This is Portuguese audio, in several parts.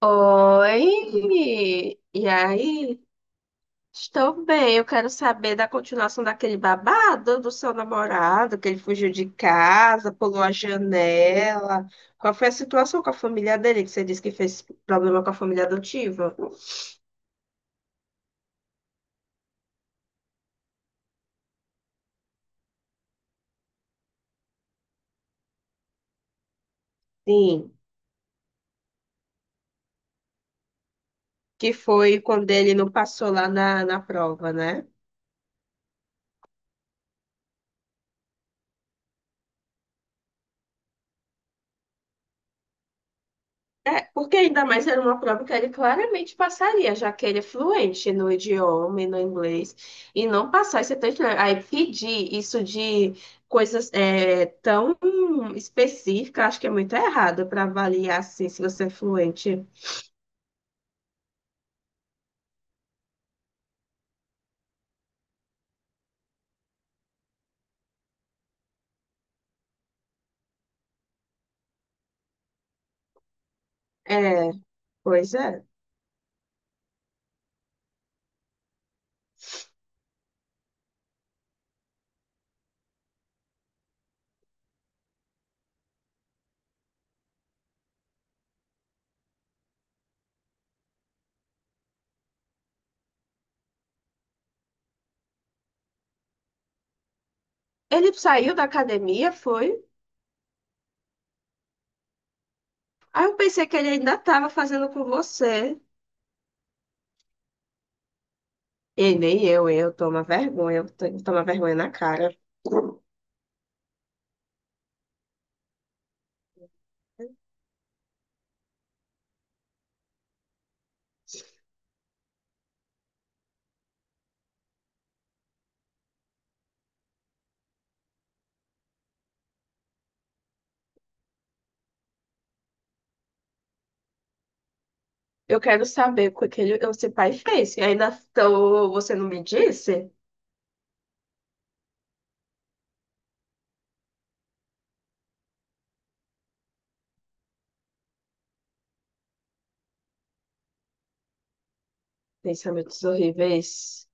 Oi, e aí? Estou bem. Eu quero saber da continuação daquele babado do seu namorado, que ele fugiu de casa, pulou a janela. Qual foi a situação com a família dele, que você disse que fez problema com a família adotiva? Sim, que foi quando ele não passou lá na prova, né? É, porque ainda mais era uma prova que ele claramente passaria, já que ele é fluente no idioma e no inglês, e não passar esse tanto. Aí pedir isso de coisas é, tão específicas, acho que é muito errado para avaliar assim, se você é fluente. É, pois é. Ele saiu da academia, foi. Aí eu pensei que ele ainda estava fazendo com você. E nem eu, eu tomo vergonha na cara. Eu quero saber o que aquele ele, seu pai fez. E ainda então, você não me disse? Pensamentos horríveis.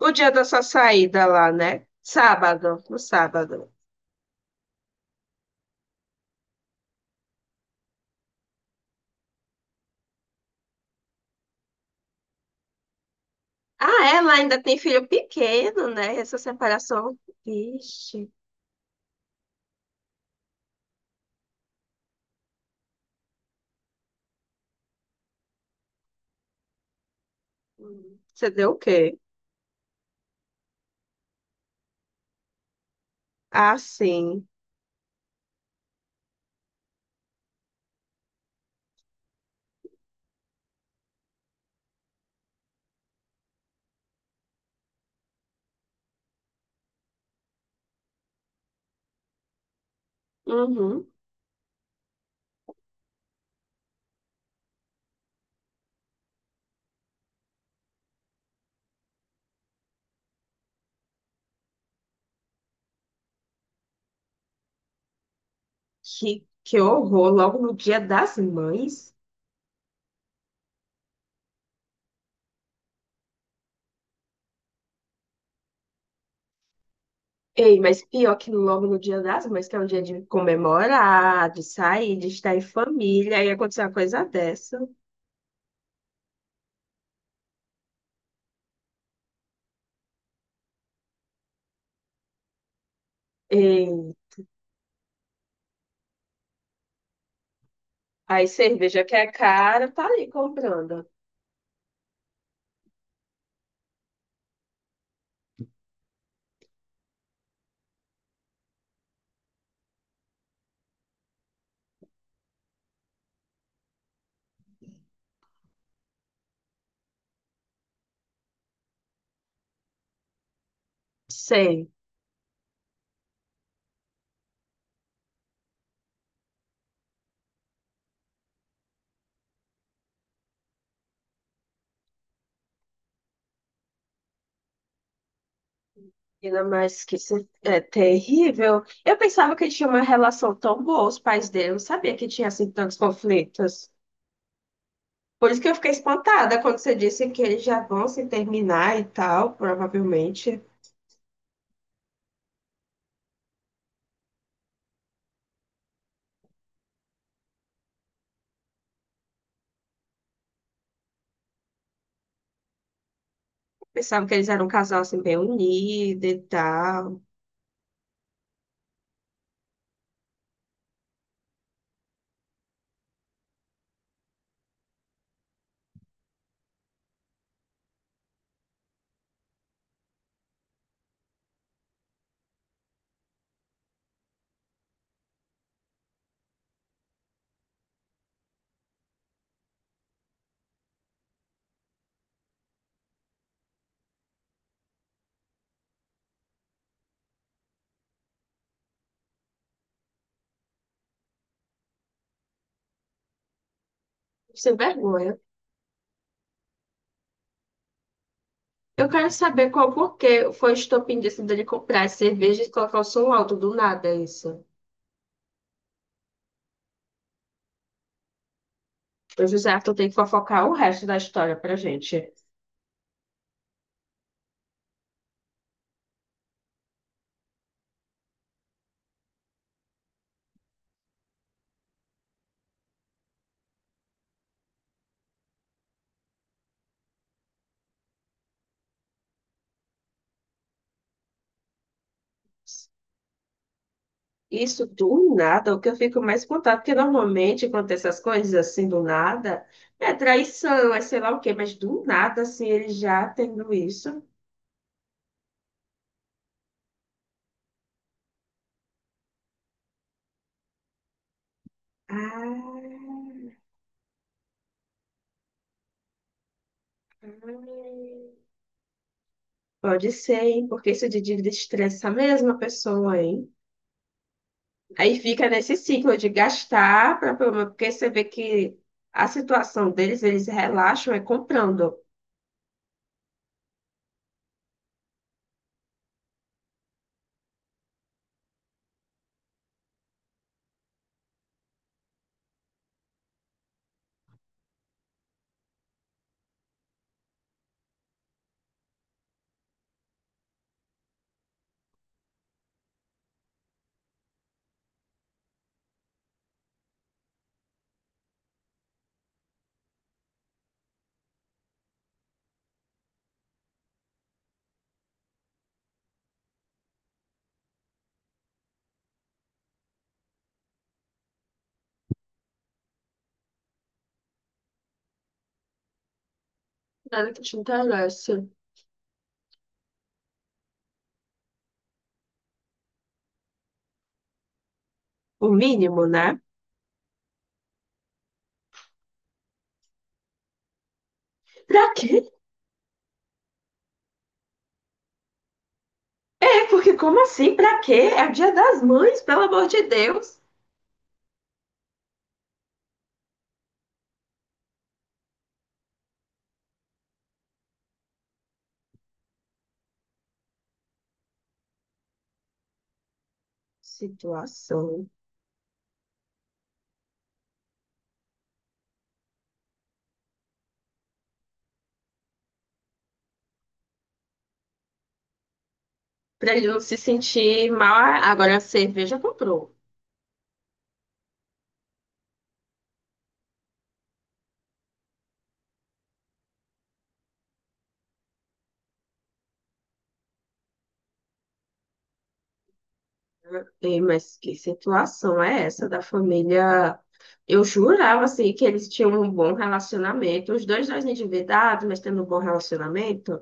O dia da sua saída lá, né? Sábado, no sábado. Ah, ela ainda tem filho pequeno, né? Essa separação. Vixe. Você deu o quê? Ah, sim. Uhum. Que horror, logo no dia das mães. Ei, mas pior que logo no Dia das Mães, que é um dia de comemorar, de sair, de estar em família, aí acontecer uma coisa dessa. Ei, aí cerveja que é cara, tá ali comprando. Sei. Ainda mais que isso é terrível. Eu pensava que tinha uma relação tão boa, os pais dele, eu não sabia que tinha assim tantos conflitos. Por isso que eu fiquei espantada quando você disse que eles já vão se terminar e tal, provavelmente. Pensava que eles eram um casal assim bem unido e tal. Sem vergonha. Eu quero saber qual porquê foi o estopim disso dele comprar as cervejas e colocar o som alto do nada, isso. O José Arthur tem que fofocar o resto da história pra gente. Isso do nada, o que eu fico mais espantado, porque normalmente quando tem essas coisas assim do nada, é traição, é sei lá o quê, mas do nada, assim, ele já tendo isso. Ah, pode ser, hein? Porque isso de dívida estressa a mesma pessoa, hein? Aí fica nesse ciclo de gastar, porque você vê que a situação deles, eles relaxam é comprando. Nada que te interessa. O mínimo, né? Pra quê? É, porque como assim? Pra quê? É o Dia das Mães, pelo amor de Deus. Situação. Pra ele não se sentir mal, agora a cerveja comprou. Ei, mas que situação é essa da família? Eu jurava, assim, que eles tinham um bom relacionamento. Os dois, dois endividados, mas tendo um bom relacionamento.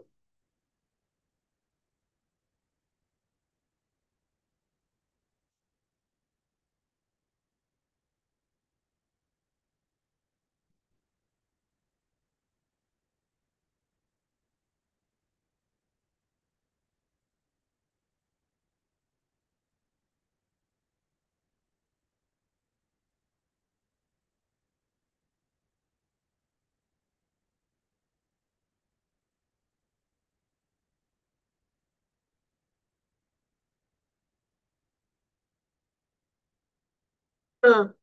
Ah,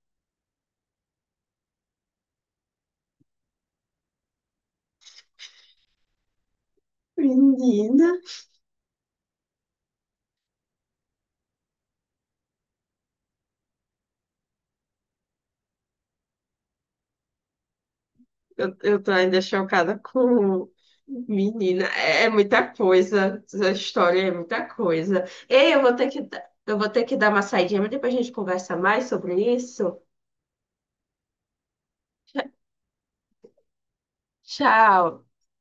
menina, eu tô ainda chocada com... Menina, é, é muita coisa. Essa história é muita coisa. Ei, eu vou ter eu vou ter que dar uma saidinha, mas depois a gente conversa mais sobre isso. Tchau.